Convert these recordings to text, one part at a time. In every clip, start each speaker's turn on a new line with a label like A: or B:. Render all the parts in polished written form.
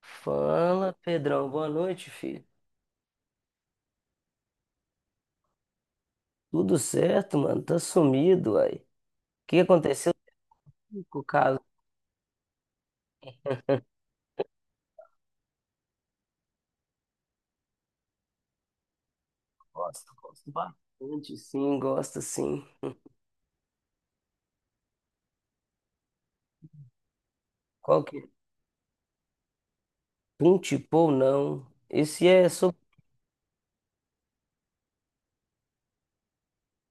A: Fala, Pedrão. Boa noite, filho. Tudo certo, mano? Tá sumido, aí. O que aconteceu com o caso? Gosto, gosto bastante, sim, gosto, sim. Qual que é? Pum, tipo não? Esse é sobre...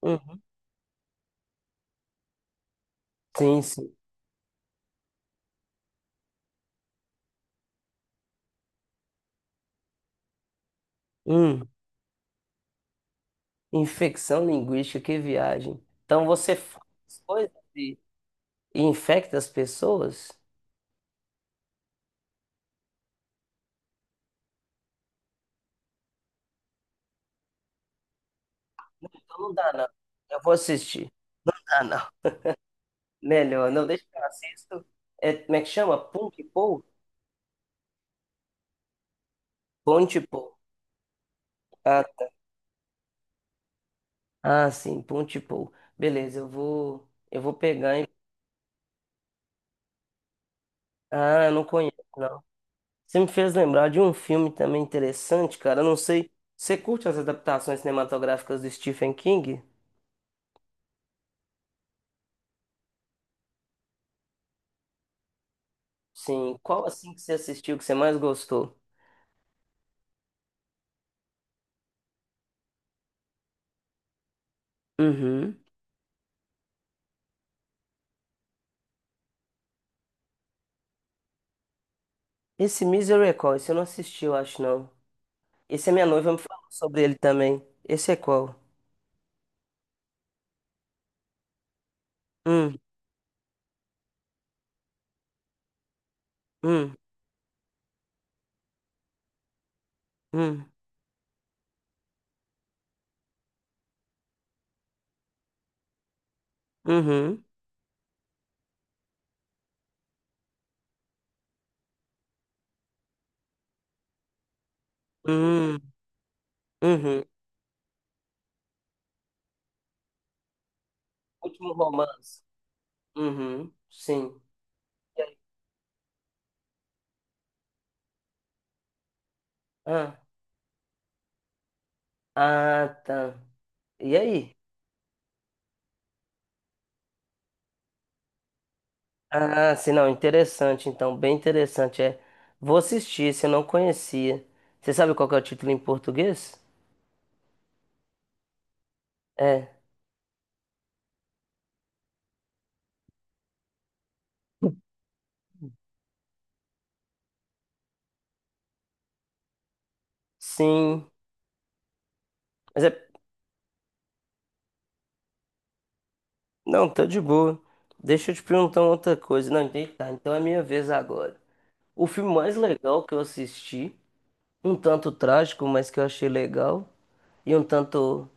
A: Uhum. Sim, sim. Hum, Infecção linguística, que viagem. Então você faz coisas e infecta as pessoas? Então não dá, não. Eu vou assistir. Ah, não. Melhor, não, deixa que eu assisto. É, como é que chama? Pum, tipo? Pum, tipo. Ah, Ah, sim, Ponte Pou. Beleza, eu vou pegar. Hein? Ah, eu não conheço, não. Você me fez lembrar de um filme também interessante, cara. Eu não sei. Você curte as adaptações cinematográficas do Stephen King? Sim. Qual assim que você assistiu que você mais gostou? Uhum. Esse Misery, é qual? Esse eu não assisti, eu acho, não. Esse a minha noiva me falou sobre ele também. Esse é qual? Hum, hum, hum, uhum, hum, uhum. Último romance. Uhum, sim. Ah, tá. E aí? Ah, sim, não, interessante, então, bem interessante. É, vou assistir, se eu não conhecia. Você sabe qual que é o título em português? É, sim. Mas é, não, tá de boa. Deixa eu te perguntar uma outra coisa. Não, entendi, tá, então é minha vez agora. O filme mais legal que eu assisti, um tanto trágico, mas que eu achei legal, e um tanto.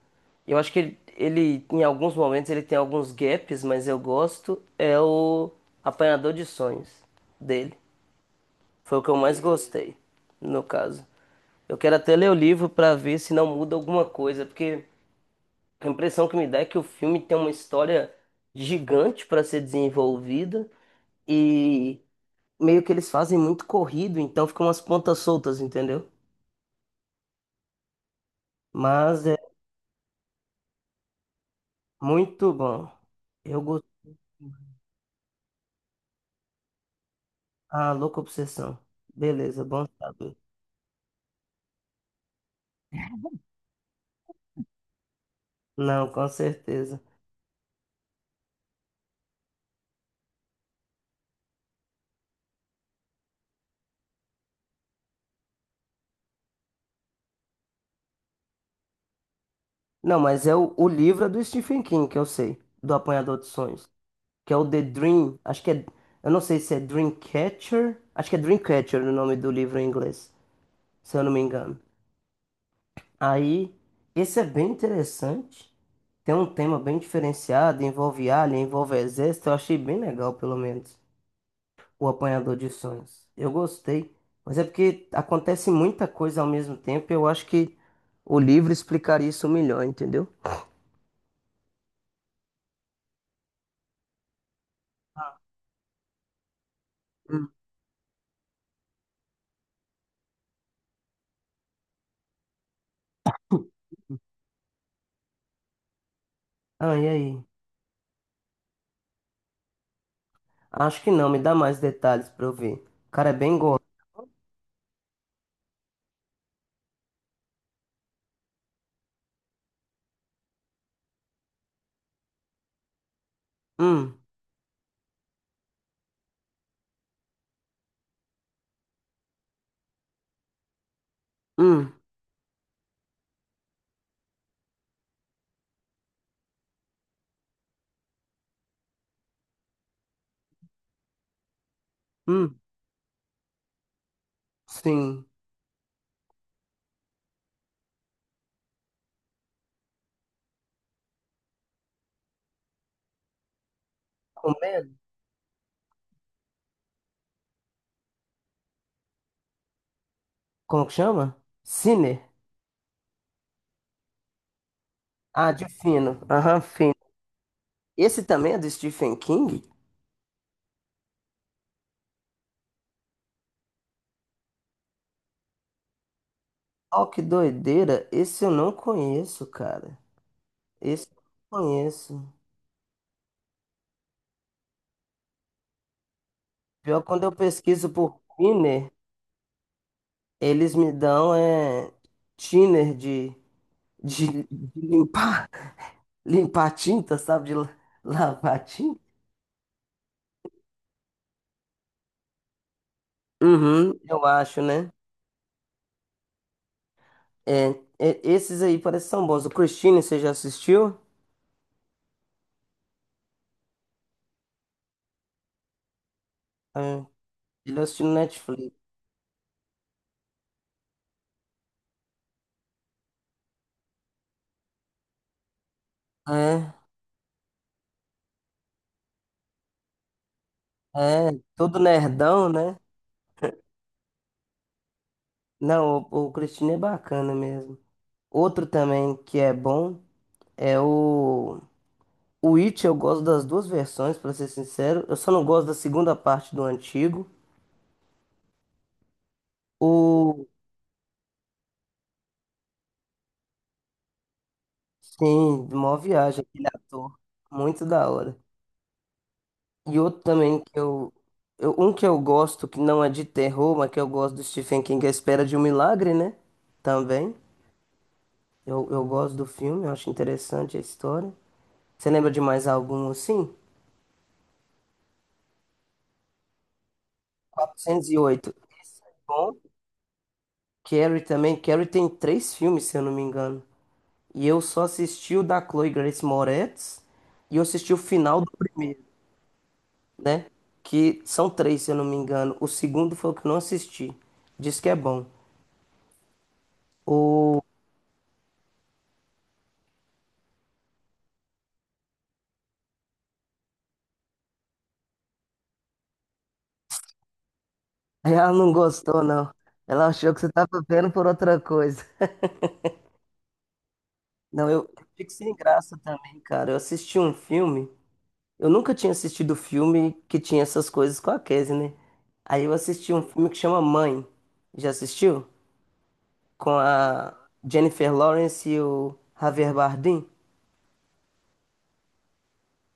A: Eu acho que ele em alguns momentos, ele tem alguns gaps, mas eu gosto. É o Apanhador de Sonhos dele. Foi o que eu mais gostei, no caso. Eu quero até ler o livro pra ver se não muda alguma coisa, porque a impressão que me dá é que o filme tem uma história gigante pra ser desenvolvida e meio que eles fazem muito corrido, então ficam umas pontas soltas, entendeu? Mas é muito bom. Eu Ah, louca obsessão. Beleza, bom saber. Não, com certeza. Não, mas é o livro é do Stephen King, que eu sei, do Apanhador de Sonhos, que é o The Dream, acho que é, eu não sei se é Dreamcatcher, acho que é Dreamcatcher o nome do livro em inglês, se eu não me engano. Aí, esse é bem interessante, tem um tema bem diferenciado, envolve alien, envolve exército, eu achei bem legal, pelo menos. O Apanhador de Sonhos. Eu gostei, mas é porque acontece muita coisa ao mesmo tempo. Eu acho que o livro explicaria isso melhor, entendeu? Ah, e aí? Acho que não, me dá mais detalhes pra eu ver. O cara é bem gordo. Hum, hum, hum, sim. Comendo? Como que chama? Sinner. Ah, de fino. Aham, fino. Esse também é do Stephen King? Oh, que doideira. Esse eu não conheço, cara. Esse eu não conheço. Pior quando eu pesquiso por Finner. Eles me dão é, thinner de, de limpar, limpar tinta, sabe? De la- lavar tinta. Uhum, eu acho, né? É, e- esses aí parecem são bons. O Christine, você já assistiu? É, ele assistiu no Netflix. É, é, todo nerdão, né? Não, o Christine é bacana mesmo. Outro também que é bom é o. O It, eu gosto das duas versões, pra ser sincero. Eu só não gosto da segunda parte do antigo. O sim, mó viagem, aquele ator. Muito da hora. E outro também que eu, um que eu gosto, que não é de terror, mas que eu gosto do Stephen King, é A Espera de um Milagre, né? Também. Eu gosto do filme, eu acho interessante a história. Você lembra de mais algum assim? 408. Bom. Carrie também. Carrie tem três filmes, se eu não me engano. E eu só assisti o da Chloe Grace Moretz. E eu assisti o final do primeiro. Né? Que são três, se eu não me engano. O segundo foi o que eu não assisti. Diz que é bom. Aí ela não gostou, não. Ela achou que você tava vendo por outra coisa. Não, eu fico sem graça também, cara. Eu assisti um filme. Eu nunca tinha assistido filme que tinha essas coisas com a Casey, né? Aí eu assisti um filme que chama Mãe. Já assistiu? Com a Jennifer Lawrence e o Javier Bardem.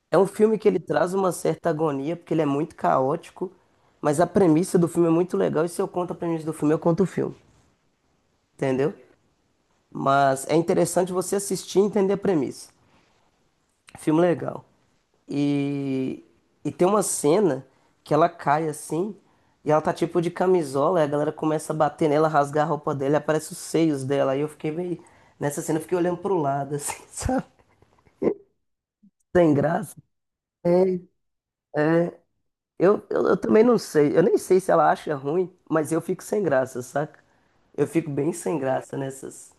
A: É um filme que ele traz uma certa agonia, porque ele é muito caótico, mas a premissa do filme é muito legal, e se eu conto a premissa do filme, eu conto o filme, entendeu? Mas é interessante você assistir e entender a premissa. Filme legal. E, e tem uma cena que ela cai assim, e ela tá tipo de camisola, e a galera começa a bater nela, rasgar a roupa dela, e aparece os seios dela, e eu fiquei meio... Nessa cena eu fiquei olhando pro lado, assim, sabe? Sem graça. Eu também não sei. Eu nem sei se ela acha ruim, mas eu fico sem graça, saca? Eu fico bem sem graça nessas,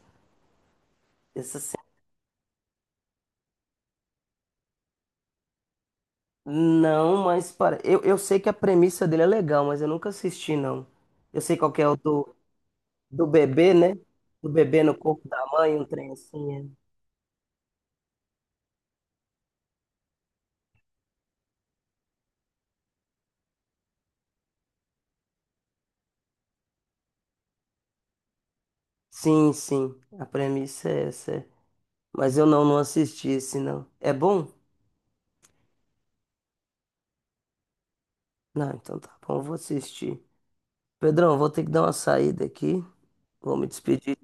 A: nessas cenas. Não, mas para. Eu sei que a premissa dele é legal, mas eu nunca assisti, não. Eu sei qual que é o do, do bebê, né? Do bebê no corpo da mãe, um trem assim. É. Sim, sim. A premissa é essa. É. Mas eu não, não assisti esse, não. É bom? Não, então tá bom, eu vou assistir. Pedrão, vou ter que dar uma saída aqui. Vou me despedir.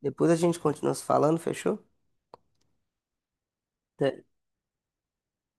A: Depois a gente continua se falando, fechou? De